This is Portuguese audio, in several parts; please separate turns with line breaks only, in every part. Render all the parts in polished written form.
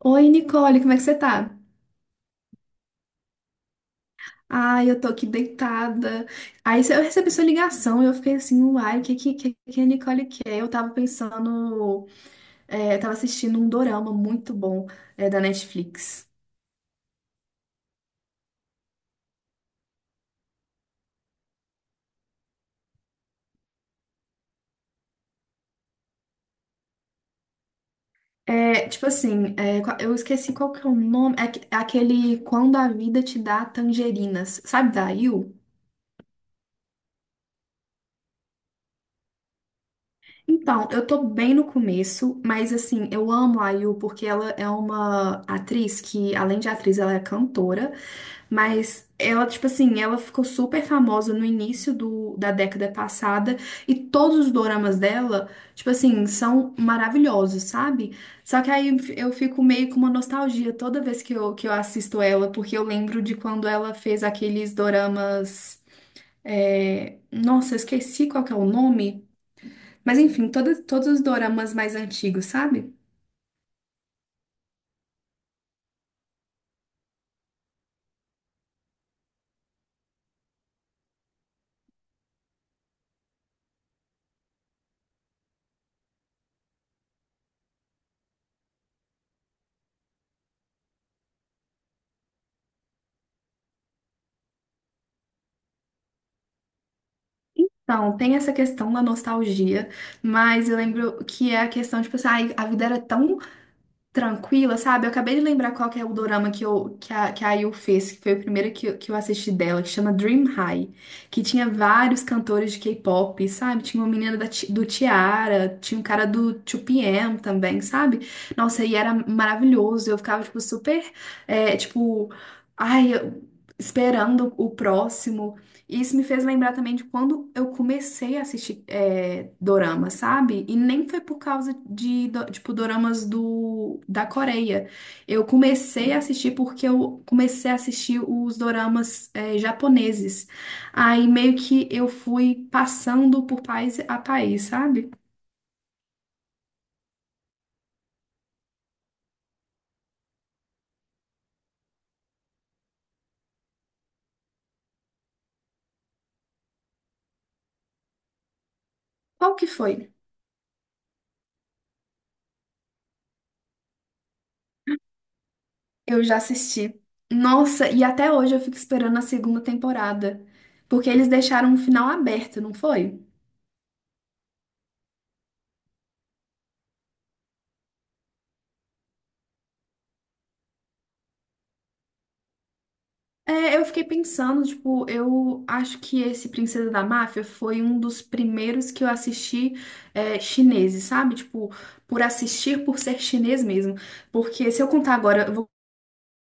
Oi, Nicole, como é que você tá? Ah, eu tô aqui deitada. Aí eu recebi sua ligação e eu fiquei assim, uai, o que, que a Nicole quer? Eu tava pensando, eu tava assistindo um dorama muito bom, da Netflix. Eu esqueci qual que é o nome, é aquele Quando a Vida Te Dá Tangerinas, sabe da IU? Então, eu tô bem no começo, mas assim, eu amo a IU porque ela é uma atriz que, além de atriz, ela é cantora. Mas ela, tipo assim, ela ficou super famosa no início da década passada e todos os doramas dela, tipo assim, são maravilhosos, sabe? Só que aí eu fico meio com uma nostalgia toda vez que eu assisto ela, porque eu lembro de quando ela fez aqueles doramas. Nossa, eu esqueci qual que é o nome. Mas enfim, todos os doramas mais antigos, sabe? Então, tem essa questão da nostalgia, mas eu lembro que é a questão, tipo assim, ai, a vida era tão tranquila, sabe? Eu acabei de lembrar qual que é o dorama que a IU fez, que foi o primeiro que eu assisti dela, que chama Dream High, que tinha vários cantores de K-pop, sabe? Tinha uma menina do Tiara, tinha um cara do 2PM também, sabe? Nossa, e era maravilhoso, eu ficava, tipo, super, é, tipo, ai, eu- esperando o próximo. E isso me fez lembrar também de quando eu comecei a assistir dorama, sabe? E nem foi por causa tipo, doramas da Coreia. Eu comecei a assistir porque eu comecei a assistir os doramas japoneses. Aí meio que eu fui passando por país a país, sabe? Qual que foi? Eu já assisti. Nossa, e até hoje eu fico esperando a segunda temporada. Porque eles deixaram um final aberto, não foi? É, eu fiquei pensando, tipo, eu acho que esse Princesa da Máfia foi um dos primeiros que eu assisti chineses, sabe? Tipo, por assistir, por ser chinês mesmo. Porque se eu contar agora, eu vou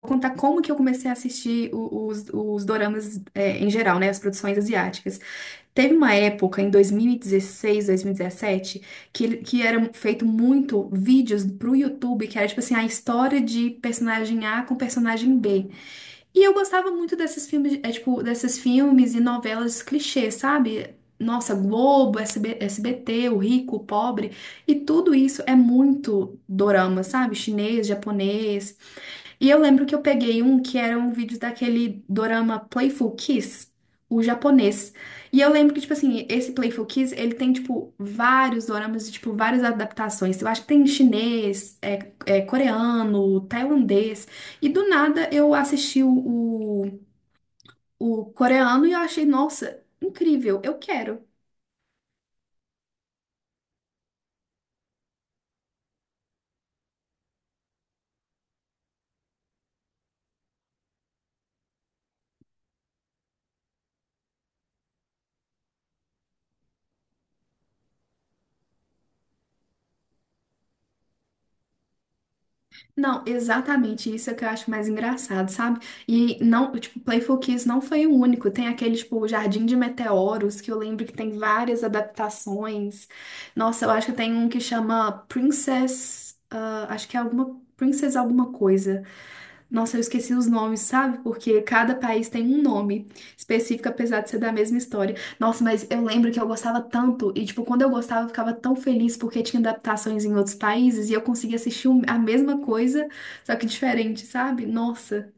contar como que eu comecei a assistir os doramas em geral, né? As produções asiáticas. Teve uma época, em 2016, 2017, que eram feito muito vídeos pro YouTube, que era tipo assim, a história de personagem A com personagem B. E eu gostava muito desses filmes, desses filmes e novelas clichês, sabe? Nossa, Globo, SB, SBT, o rico, o pobre, e tudo isso é muito dorama, sabe? Chinês, japonês. E eu lembro que eu peguei um que era um vídeo daquele dorama Playful Kiss, o japonês. E eu lembro que, tipo assim, esse Playful Kiss, ele tem, tipo, vários doramas, e, tipo, várias adaptações. Eu acho que tem chinês, coreano, tailandês. E do nada eu assisti o coreano e eu achei, nossa, incrível, eu quero. Não, exatamente isso é que eu acho mais engraçado, sabe? E não, tipo, Playful Kiss não foi o único. Tem aquele, tipo, o Jardim de Meteoros, que eu lembro que tem várias adaptações. Nossa, eu acho que tem um que chama Princess, ah, acho que é alguma Princess alguma coisa. Nossa, eu esqueci os nomes, sabe? Porque cada país tem um nome específico, apesar de ser da mesma história. Nossa, mas eu lembro que eu gostava tanto. E, tipo, quando eu gostava, eu ficava tão feliz porque tinha adaptações em outros países e eu conseguia assistir a mesma coisa, só que diferente, sabe? Nossa.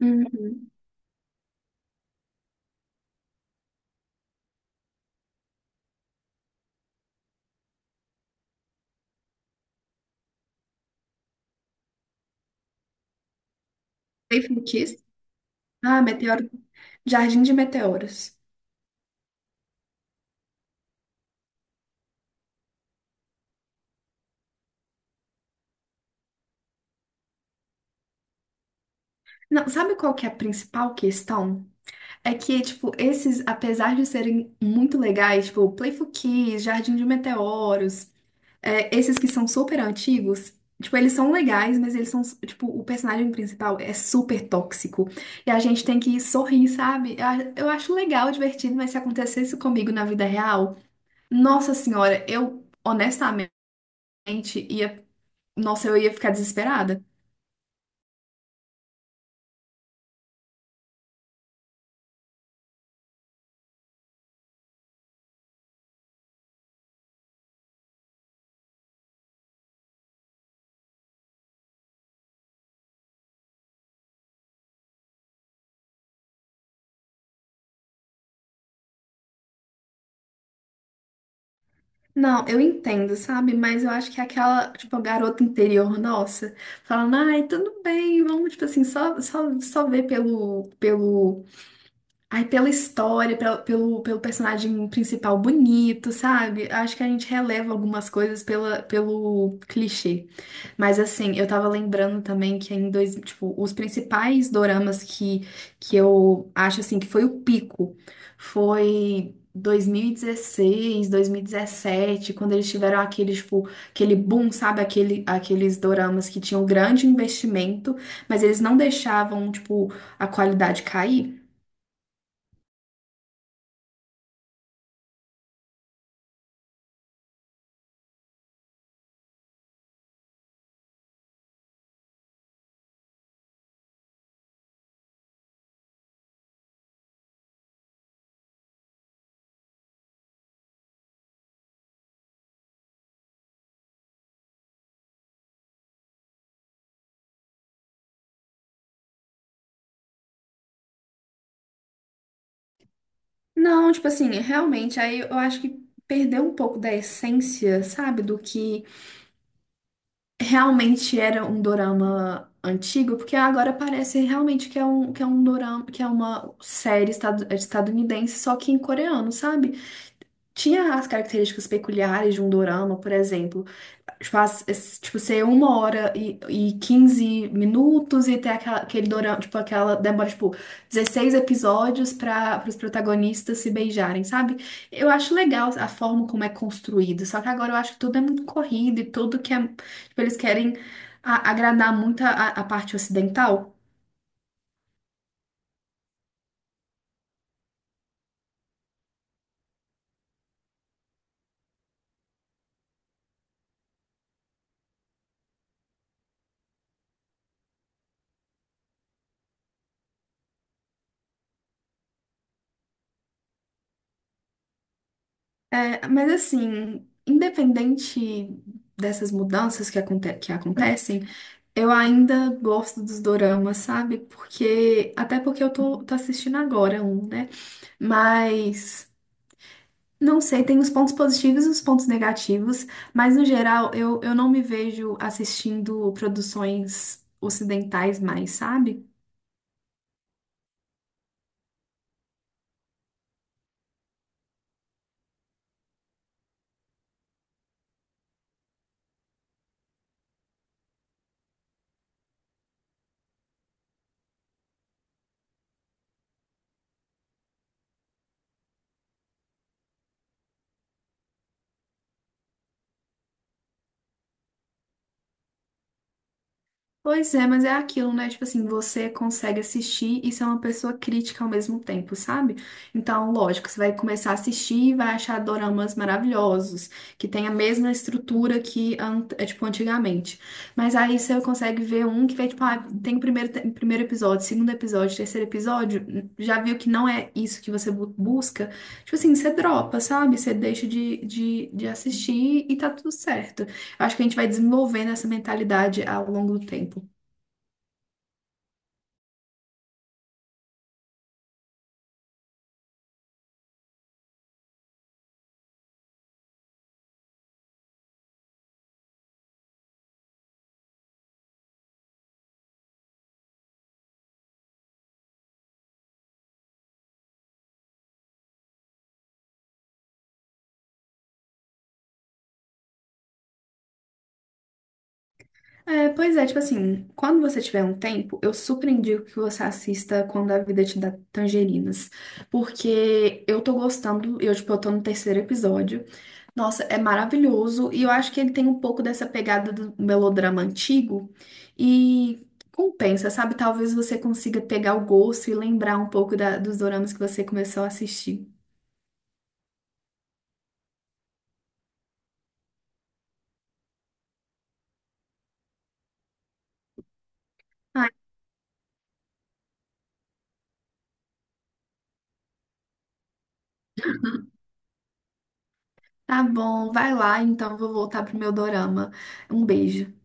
Uhum. Faithful Kiss? Ah, Meteoro. Jardim de Meteoros. Não, sabe qual que é a principal questão? É que, tipo, esses, apesar de serem muito legais, tipo, Playful Kiss, Jardim de Meteoros. É, esses que são super antigos, tipo, eles são legais, mas eles são, tipo, o personagem principal é super tóxico. E a gente tem que sorrir, sabe? Eu acho legal, divertido, mas se acontecesse comigo na vida real, nossa senhora, eu honestamente ia. Nossa, eu ia ficar desesperada. Não, eu entendo, sabe? Mas eu acho que é aquela, tipo, a garota interior nossa, falando, ai, tudo bem, vamos, tipo assim, só ver pelo, pelo Aí pela história, pelo personagem principal bonito, sabe? Acho que a gente releva algumas coisas pelo clichê. Mas assim, eu tava lembrando também que em dois, tipo, os principais doramas que eu acho assim que foi o pico foi 2016, 2017, quando eles tiveram aquele, tipo, aquele boom, sabe? Aqueles doramas que tinham grande investimento, mas eles não deixavam, tipo, a qualidade cair. Não, tipo assim, realmente, aí eu acho que perdeu um pouco da essência, sabe, do que realmente era um dorama antigo, porque agora parece realmente que é um, que é uma série estadunidense, só que em coreano, sabe? Tinha as características peculiares de um dorama, por exemplo tipo, tipo, ser uma hora e 15 minutos e ter aquela, aquele dorama, tipo, aquela demora, tipo, 16 episódios para os protagonistas se beijarem, sabe? Eu acho legal a forma como é construído, só que agora eu acho que tudo é muito corrido e tudo que é, tipo, eles querem agradar muito a parte ocidental. É, mas assim, independente dessas mudanças que acontecem, eu ainda gosto dos doramas, sabe? Porque, até porque eu tô assistindo agora um, né? Mas, não sei, tem os pontos positivos e os pontos negativos, mas no geral eu não me vejo assistindo produções ocidentais mais, sabe? Pois é, mas é aquilo, né? Tipo assim, você consegue assistir e ser uma pessoa crítica ao mesmo tempo, sabe? Então, lógico, você vai começar a assistir e vai achar doramas maravilhosos, que tem a mesma estrutura que, an- é, tipo, antigamente. Mas aí você consegue ver um que vai, tipo, ah, tem o primeiro, primeiro episódio, segundo episódio, terceiro episódio, já viu que não é isso que você busca. Tipo assim, você dropa, sabe? Você deixa de assistir e tá tudo certo. Eu acho que a gente vai desenvolvendo essa mentalidade ao longo do tempo. É, pois é, tipo assim, quando você tiver um tempo, eu super indico que você assista Quando a Vida Te Dá Tangerinas. Porque eu tô gostando, eu, tipo, eu tô no terceiro episódio. Nossa, é maravilhoso. E eu acho que ele tem um pouco dessa pegada do melodrama antigo. E compensa, sabe? Talvez você consiga pegar o gosto e lembrar um pouco dos doramas que você começou a assistir. Ai, tá bom, vai lá, então eu vou voltar pro meu dorama. Um beijo.